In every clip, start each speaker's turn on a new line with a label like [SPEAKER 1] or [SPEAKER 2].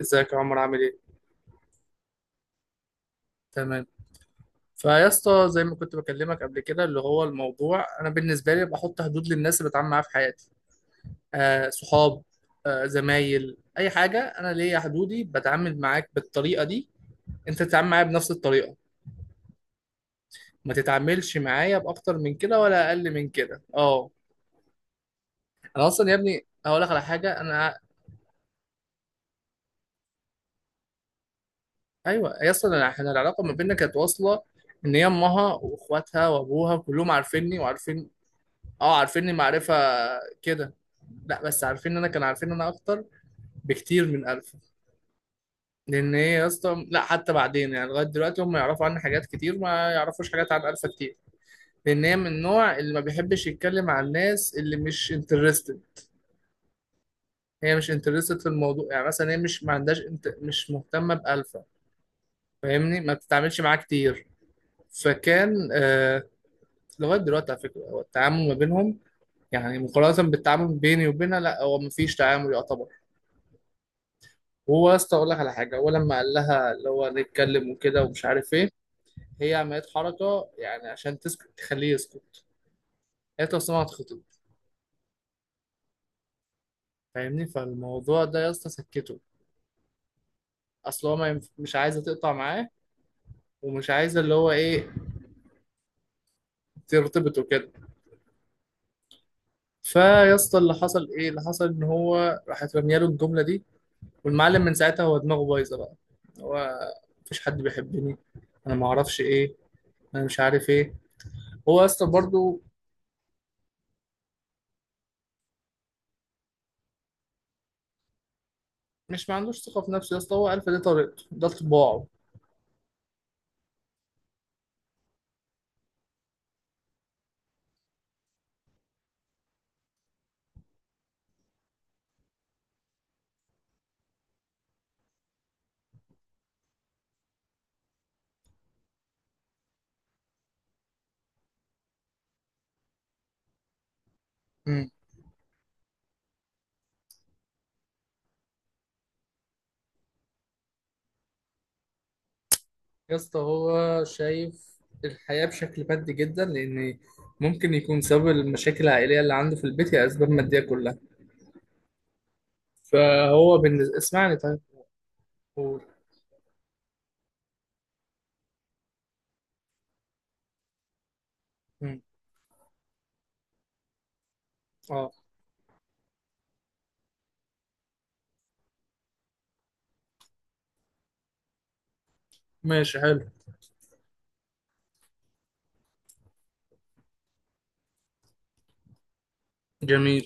[SPEAKER 1] ازيك يا عمر، عامل ايه؟ تمام. فيا اسطى، زي ما كنت بكلمك قبل كده اللي هو الموضوع، انا بالنسبه لي بحط حدود للناس اللي بتعامل معاها في حياتي. آه، صحاب، آه، زمايل، اي حاجه. انا ليا حدودي. بتعامل معاك بالطريقه دي، انت تتعامل معايا بنفس الطريقه. ما تتعاملش معايا باكتر من كده ولا اقل من كده. اه. انا اصلا يا ابني هقول لك على حاجه، انا ايوه يا اسطى. احنا العلاقه ما بيننا كانت واصله، ان هي امها واخواتها وابوها كلهم عارفيني وعارفين. اه، عارفيني معرفة كده. لا، بس عارفين انا، كان عارفين انا اكتر بكتير من الف. لان هي يا اسطى، لا، حتى بعدين يعني لغايه دلوقتي، هم يعرفوا عني حاجات كتير، ما يعرفوش حاجات عن الفا كتير. لان هي من النوع اللي ما بيحبش يتكلم عن الناس اللي مش انترستد. هي مش انترستد في الموضوع. يعني مثلا هي مش، ما عندهاش، مش مهتمه بالفا. فاهمني، ما بتتعاملش معاه كتير. فكان لغايه دلوقتي على فكره، هو التعامل ما بينهم يعني مقارنه بالتعامل بيني وبينها، لا، هو ما فيش تعامل يعتبر. هو يا اسطى اقول لك على حاجه، هو لما قال لها اللي هو نتكلم وكده ومش عارف ايه، هي عملت حركه يعني عشان تسكت، تخليه يسكت. قالت له أصل انا هتخطب. فاهمني، فالموضوع ده يا اسطى سكته. اصل هو ما ينف... مش عايزه تقطع معاه، ومش عايزه اللي هو ايه، ترتبط وكده. فيا اسطى اللي حصل ايه؟ اللي حصل ان هو راحت رميه له الجمله دي، والمعلم من ساعتها هو دماغه بايظه بقى. هو مفيش حد بيحبني، انا ما اعرفش ايه، انا مش عارف ايه. هو يا اسطى برضه، مش ما عندوش ثقة في نفسه يا اسطى، هو عارف إن دي طريقته، ده طباعه. مم. يا اسطى هو شايف الحياة بشكل مادي جدا، لأن ممكن يكون سبب المشاكل العائلية اللي عنده في البيت هي أسباب مادية كلها. فهو بالنسبة، اسمعني طيب. قول. مم. اه. ماشي. حلو. جميل.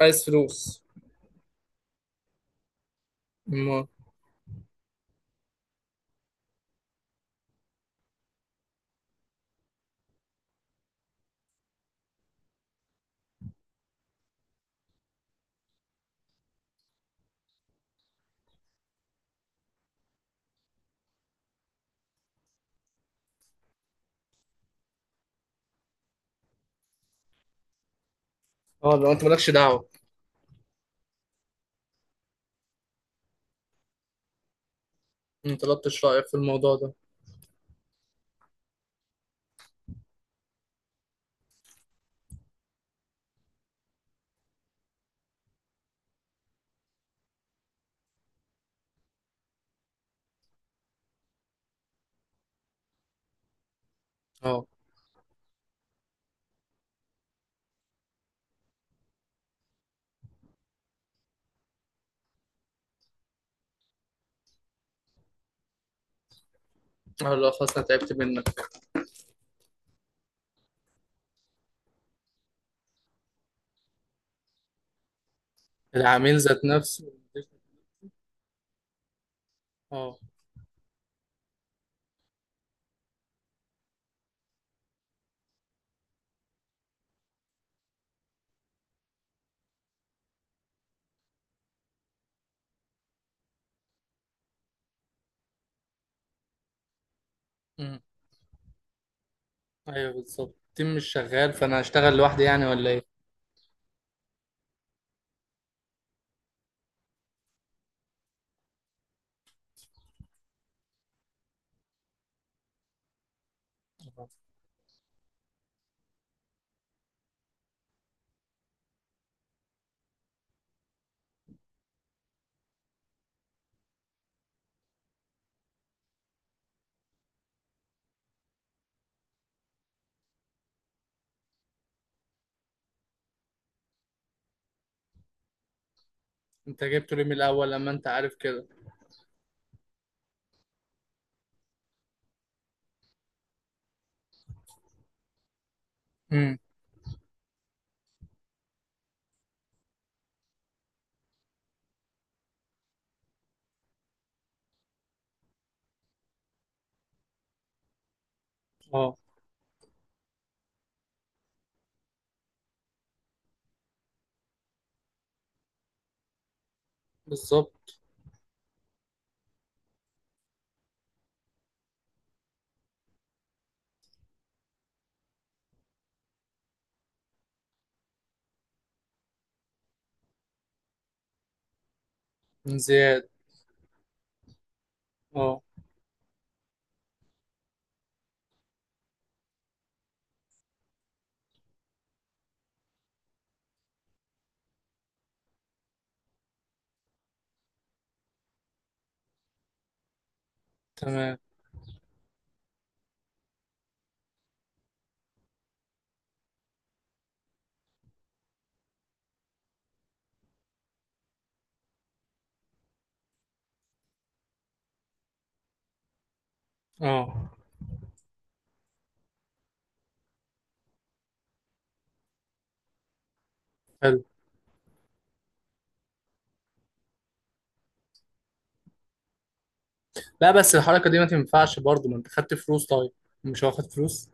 [SPEAKER 1] عايز فلوس. ما اه، لو انت مالكش دعوة. ما طلبتش رأيك في الموضوع ده. اه. اه، لا خلاص انا تعبت منك. العميل ذات نفسه. اه. ايوه بالظبط، التيم مش شغال، فانا هشتغل لوحدي يعني ولا ايه؟ انت جبته ليه من الاول لما انت عارف كده؟ امم. اه بالظبط. من زياد. اه. تمام. اه. حلو. لا بس الحركه دي ما تنفعش برضه، ما انت خدت فلوس طيب. مش واخد فلوس.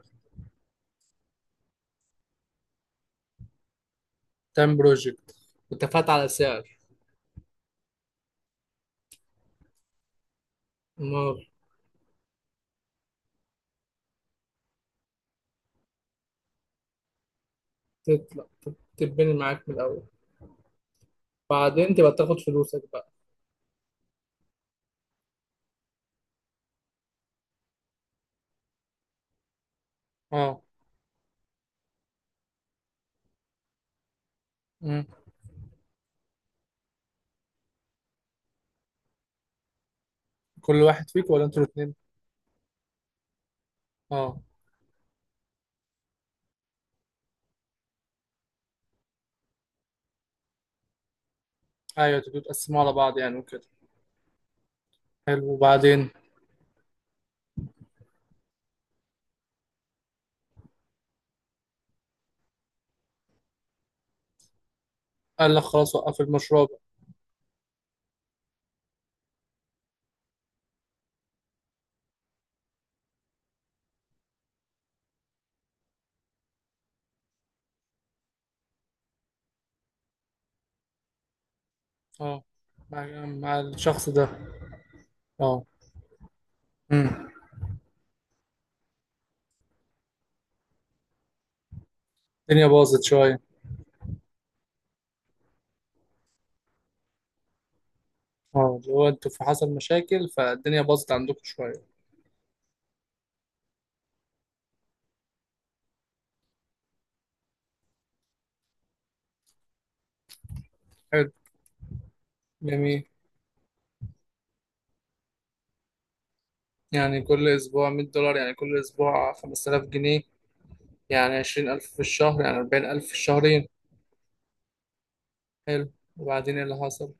[SPEAKER 1] تايم بروجكت. واتفقت على سعر. ما تطلع تتبني معاك من الاول، بعدين تبقى تاخد فلوسك بقى. اه. امم. كل واحد فيك ولا انتوا الاثنين؟ اه. ايوه، تبقوا تقسموا على بعض يعني وكده. حلو، وبعدين؟ قال لك خلاص وقف المشروع بقى. اه. مع الشخص ده. اه. امم. الدنيا باظت شوية. اه، اللي هو انتوا في حصل مشاكل فالدنيا باظت عندكم شوية. حلو. جميل. يعني كل أسبوع $100، يعني كل أسبوع 5000 جنيه، يعني 20000 في الشهر، يعني 40000 في الشهرين. حلو، وبعدين ايه اللي حصل؟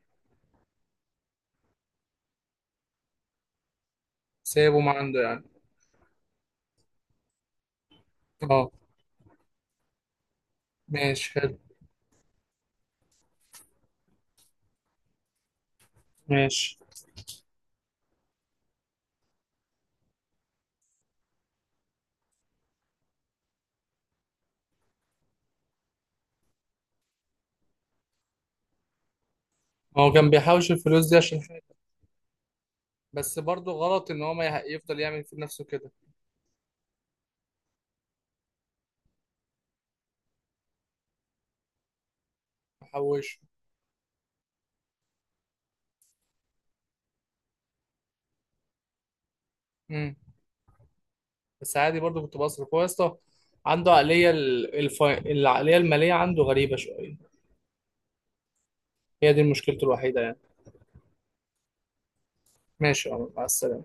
[SPEAKER 1] سابه ما عنده يعني. اه. ماشي، حلو. ماشي. هو كان بيحوش الفلوس دي عشان حاجة. بس برضه غلط إن هو ما يح- يفضل يعمل في نفسه كده. يحوشه. بس عادي برضو كنت بصرف. هو يا اسطى عنده عقلية العقلية المالية عنده غريبة شوية. هي دي مشكلته الوحيدة يعني. ماشي يا عمر، مع السلامة.